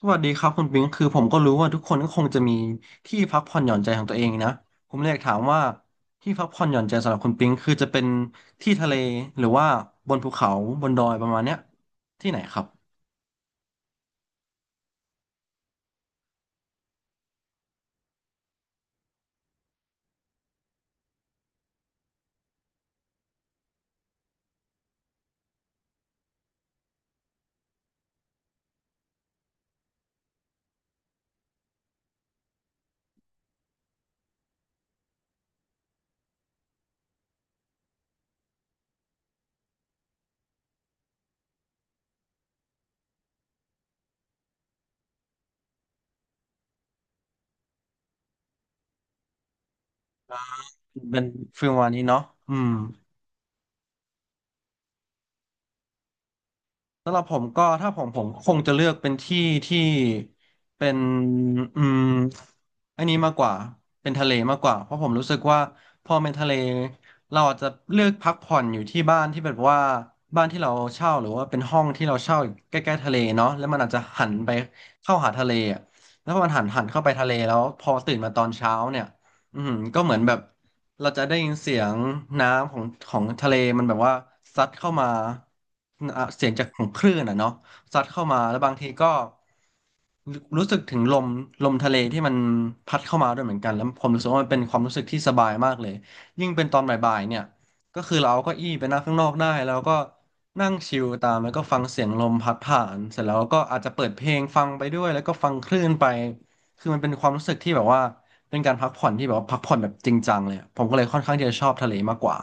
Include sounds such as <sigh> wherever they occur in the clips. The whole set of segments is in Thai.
สวัสดีครับคุณปิงคือผมก็รู้ว่าทุกคนก็คงจะมีที่พักผ่อนหย่อนใจของตัวเองนะผมเลยอยากถามว่าที่พักผ่อนหย่อนใจสำหรับคุณปิงคือจะเป็นที่ทะเลหรือว่าบนภูเขาบนดอยประมาณเนี้ยที่ไหนครับเป็นฟิลประมาณนี้เนาะอืมสำหรับผมก็ถ้าผมคงจะเลือกเป็นที่ที่เป็นอืม อันนี้มากกว่าเป็นทะเลมากกว่าเพราะผมรู้สึกว่าพอเป็นทะเลเราอาจจะเลือกพักผ่อนอยู่ที่บ้านที่แบบว่าบ้านที่เราเช่าหรือว่าเป็นห้องที่เราเช่าอยู่ใกล้ๆทะเลเนาะแล้วมันอาจจะหันไปเข้าหาทะเลอะแล้วพอมันหันเข้าไปทะเลแล้วพอตื่นมาตอนเช้าเนี่ยอืมก็เหมือนแบบเราจะได้ยินเสียงน้ำของทะเลมันแบบว่าซัดเข้ามาอ่ะเสียงจากของคลื่นอ่ะเนาะ ซัดเข้ามาแล้วบางทีก็รู้สึกถึงลมลมทะเลที่มันพัดเข้ามาด้วยเหมือนกันแล้วผมรู้สึกว่ามันเป็นความรู้สึกที่สบายมากเลยยิ่งเป็นตอนบ่ายๆเนี่ยก็คือเราเอาเก้าอี้ไปนั่งข้างนอกได้แล้วก็นั่งชิลตามแล้วก็ฟังเสียงลมพัดผ่านเสร็จแล้วก็อาจจะเปิดเพลงฟังไปด้วยแล้วก็ฟังคลื่นไปคือมันเป็นความรู้สึกที่แบบว่าเป็นการพักผ่อนที่แบบว่าพักผ่อนแบบจริงจังเลยอะผมก็เลยค่อนข้างที่จะชอบทะเลมากกว่า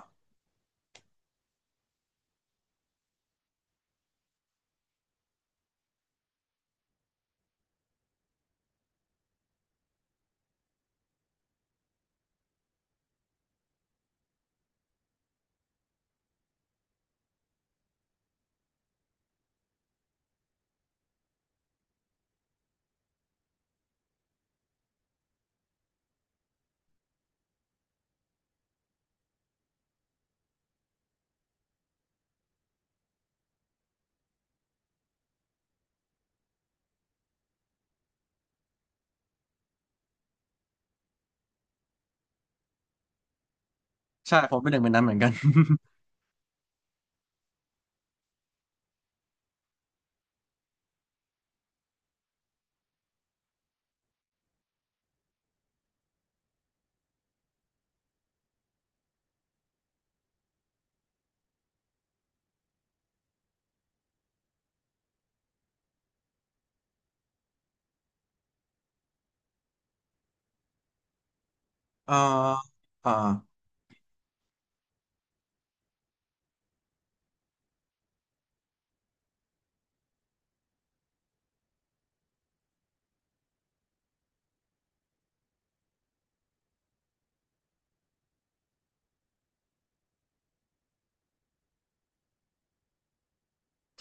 ใช่ผมเป็นหนึ่งในนั้นเหมือนกัน <laughs> เอ่ออ่า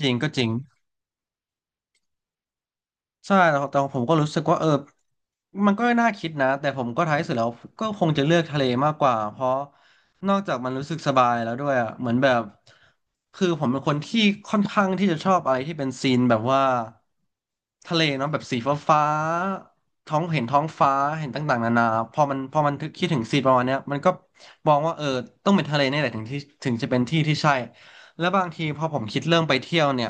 จริงก็จริง ใช่แต่แต่ผมก็รู้สึกว่าเออ มันก็น่าคิดนะแต่ผมก็ท้ายสุดแล้วก็คงจะเลือกทะเลมากกว่า เพราะนอกจากมันรู้สึกสบายแล้วด้วยอ่ะเหมือนแบบคือผมเป็นคนที่ค่อนข้างที่จะชอบอะไรที่เป็นซีนแบบว่าทะเลเนาะแบบสีฟ้าฟ้าท้องเห็นท้องฟ้า เห็นต่างๆนานาพอมันถึงคิดถึงซีนประมาณเนี้ยมันก็มองว่าเออต้องเป็นทะเลนี่แหละถึงจะเป็นที่ที่ใช่แล้วบางทีพอผมคิดเรื่องไปเที่ยวเนี่ย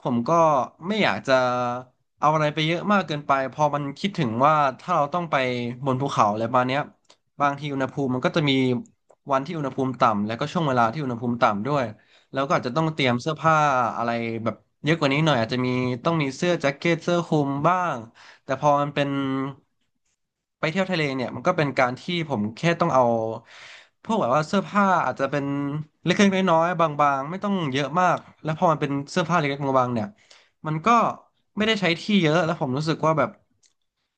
ผมก็ไม่อยากจะ เอาอะไรไปเยอะมากเกินไปพอมันคิดถึงว่าถ้าเราต้องไปบนภูเขาอะไรประมาณเนี้ยบางทีอุณหภูมิมันก็จะมีวันที่อุณหภูมิต่ำแล้วก็ช่วงเวลาที่อุณหภูมิต่ำด้วยแล้วก็อาจจะต้องเตรียมเสื้อผ้าอะไรแบบเยอะกว่านี้หน่อยอาจจะมีต้องมีเสื้อแจ็คเก็ตเสื้อคลุมบ้างแต่พอมันเป็นไปเที่ยวทะเลเนี่ยมันก็เป็นการที่ผมแค่ต้องเอาพวกแบบว่าเสื้อผ้าอาจจะเป็นเล็กๆน้อยๆบางๆไม่ต้องเยอะมากแล้วพอมันเป็นเสื้อผ้าเล็กๆบางๆเนี่ย มันก็ไม่ได้ใช้ที่เยอะแล้วผมรู้สึกว่าแบบ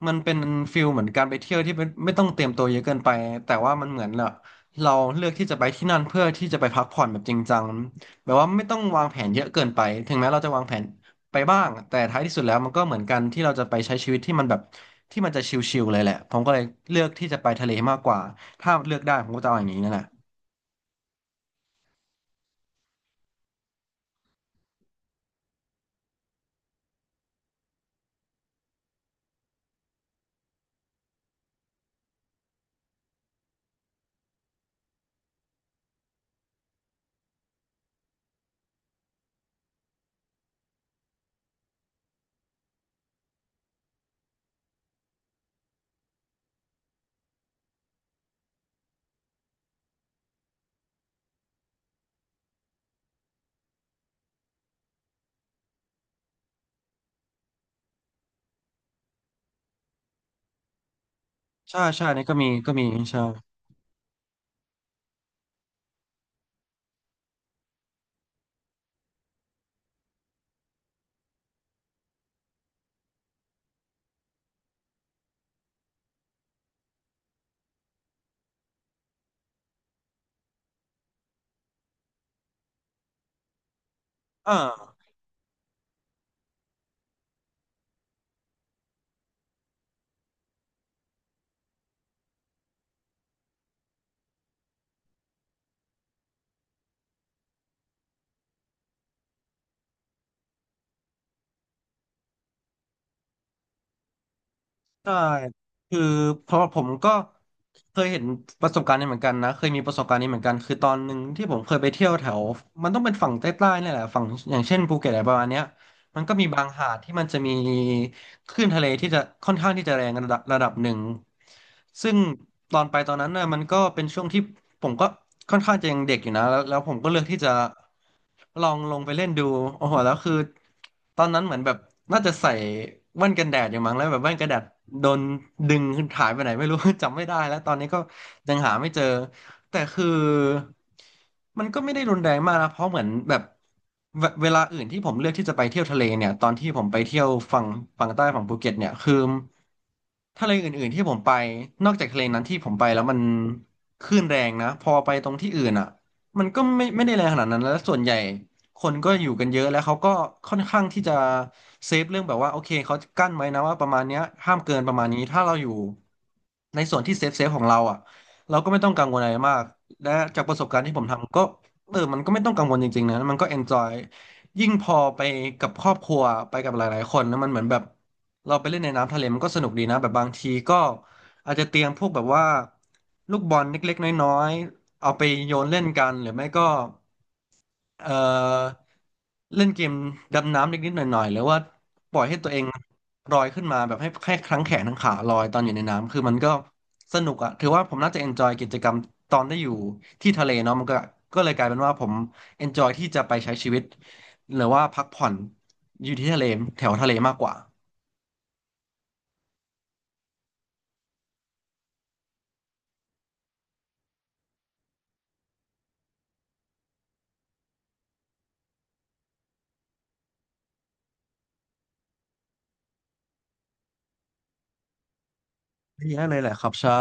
มันเป็นฟิลเหมือนการไปเที่ยวที่ไม่ต้องเตรียมตัวเยอะเกินไปแต่ว่ามันเหมือนเราเลือกที่จะไปที่นั่นเพื่อที่จะไปพักผ่อนแบบจริงจังแบบว่าไม่ต้องวางแผนเยอะเกินไปถึงแม้เราจะวางแผนไปบ้างแต่ท้ายที่สุดแล้วมันก็เหมือนกันที่เราจะไปใช้ชีวิตที่มันแบบที่มันจะชิลๆเลยแหละผมก็เลยเลือกที่จะไปทะเลมากกว่าถ้าเลือกได้ผมก็จะเอาอย่างนี้นั่นแหละใช่ใช่นี่ก็มีใช่อ่า ใช่ คือเพราะผมก็เคยเห็นประสบการณ์นี้เหมือนกันนะ เคยมีประสบการณ์นี้เหมือนกัน คือตอนหนึ่งที่ผมเคยไปเที่ยวแถว มันต้องเป็นฝั่งใต้ๆเนี่ยแหละ ฝั่งอย่างเช่นภูเก็ตอะไรประมาณเนี้ย มันก็มีบางหาดที่มันจะมีคลื่นทะเลที่จะค่อนข้างที่จะแรงระดับหนึ่งซึ่งตอนไปตอนนั้นน่ะมันก็เป็นช่วงที่ผมก็ค่อนข้างจะยังเด็กอยู่นะแล้วผมก็เลือกที่จะลองลงไปเล่นดูโอ้โหแล้วคือตอนนั้นเหมือนแบบน่าจะใส่แว่นกันแดดอยู่มั้งแล้วแบบแว่นกันแดดโดนดึงหายไปไหนไม่รู้ <laughs> จำไม่ได้แล้วตอนนี้ก็ยังหาไม่เจอแต่คือ มันก็ไม่ได้รุนแรงมากนะเพราะเหมือนแบบเวลาอื่นที่ผมเลือกที่จะไปเที่ยวทะเลเนี่ยตอนที่ผมไปเที่ยวฝั่งใต้ฝั่งภูเก็ตเนี่ยคือทะเลอื่นๆที่ผมไปนอกจากทะเลนั้นที่ผมไปแล้วมันคลื่นแรงนะพอไปตรงที่อื่นอ่ะมันก็ไม่ได้แรงขนาดนั้นแล้วส่วนใหญ่คนก็อยู่กันเยอะแล้วเขาก็ค่อนข้างที่จะเซฟเรื่องแบบว่าโอเคเขากั้นไว้นะว่าประมาณเนี้ยห้ามเกินประมาณนี้ถ้าเราอยู่ในส่วนที่เซฟของเราอ่ะเราก็ไม่ต้องกังวลอะไรมาก และจากประสบการณ์ที่ผมทำก็เออมันก็ไม่ต้องกังวลจริงๆนะมันก็เอนจอยยิ่งพอไปกับครอบครัวไปกับหลายๆคนนะมันเหมือนแบบเราไปเล่นในน้ำทะเลมันก็สนุกดีนะแบบบางทีก็อาจจะเตรียมพวกแบบว่าลูกบอลเล็กๆน้อยๆเอาไปโยนเล่นกันหรือไม่ก็เอ่อเล่นเกมดำน้ำนิดๆหน่อยๆหรือว่าปล่อยให้ตัวเอง ลอยขึ้นมาแบบให้แค่ทั้งแขนทั้งขาลอยตอนอยู่ในน้ำคือมันก็สนุกอะถือว่าผมน่าจะเอนจอยกิจกรรมตอนได้อยู่ที่ทะเลเนาะมันก็ก็เลยกลายเป็นว่าผมเอนจอยที่จะไปใช้ชีวิตหรือว่าพักผ่อนอยู่ที่ทะเลแถวทะเลมากกว่าเยอะเลยแหละครับใช่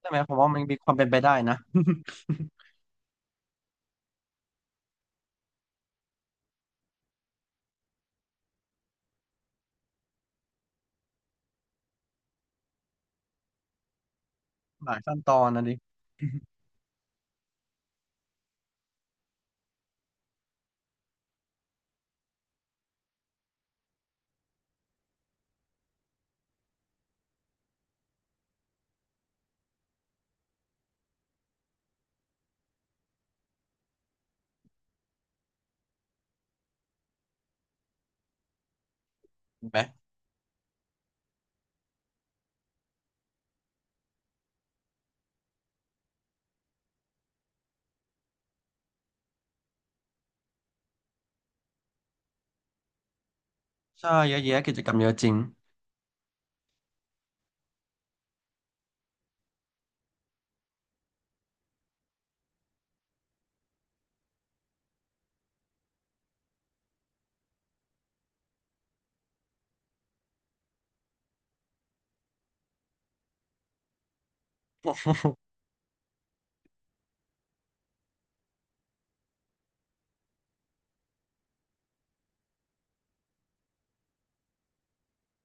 ใช่ไหมผมว่ามันมีความเป็นไปได้นะ <laughs> หลายขั้นตอนนะดิเห็นไหมใช่เยอะแยะกิจกรรมเยอะจริง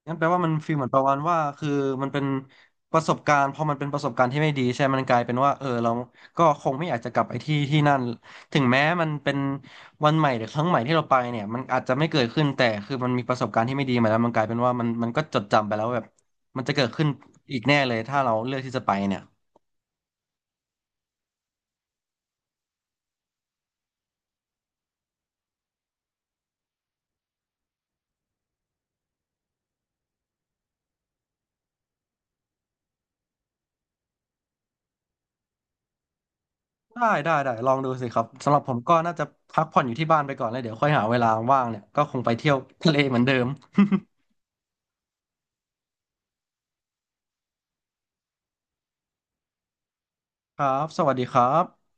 งั้นแปลว่ามันฟีลเหมือนประมาณว่าคือมันเป็นประสบการณ์พอมันเป็นประสบการณ์ที่ไม่ดีใช่ไหมมันกลายเป็นว่าเออเราก็คงไม่อยากจะกลับไปที่ที่นั่นถึงแม้มันเป็นวันใหม่หรือครั้งใหม่ที่เราไปเนี่ยมันอาจจะไม่เกิดขึ้นแต่คือมันมีประสบการณ์ที่ไม่ดีมาแล้วมันกลายเป็นว่ามันก็จดจำไปแล้วแบบมันจะเกิดขึ้นอีกแน่เลยถ้าเราเลือกที่จะไปเนี่ยได้ได้ได้ลองดูสิครับสำหรับผมก็น่าจะพักผ่อนอยู่ที่บ้านไปก่อนแล้วเดี๋ยวค่อยหาเวลาว่างเนี่ยก็คงไปเที่ยวทะเลเหมือนเดิม <laughs> ครับสวัสดีครับ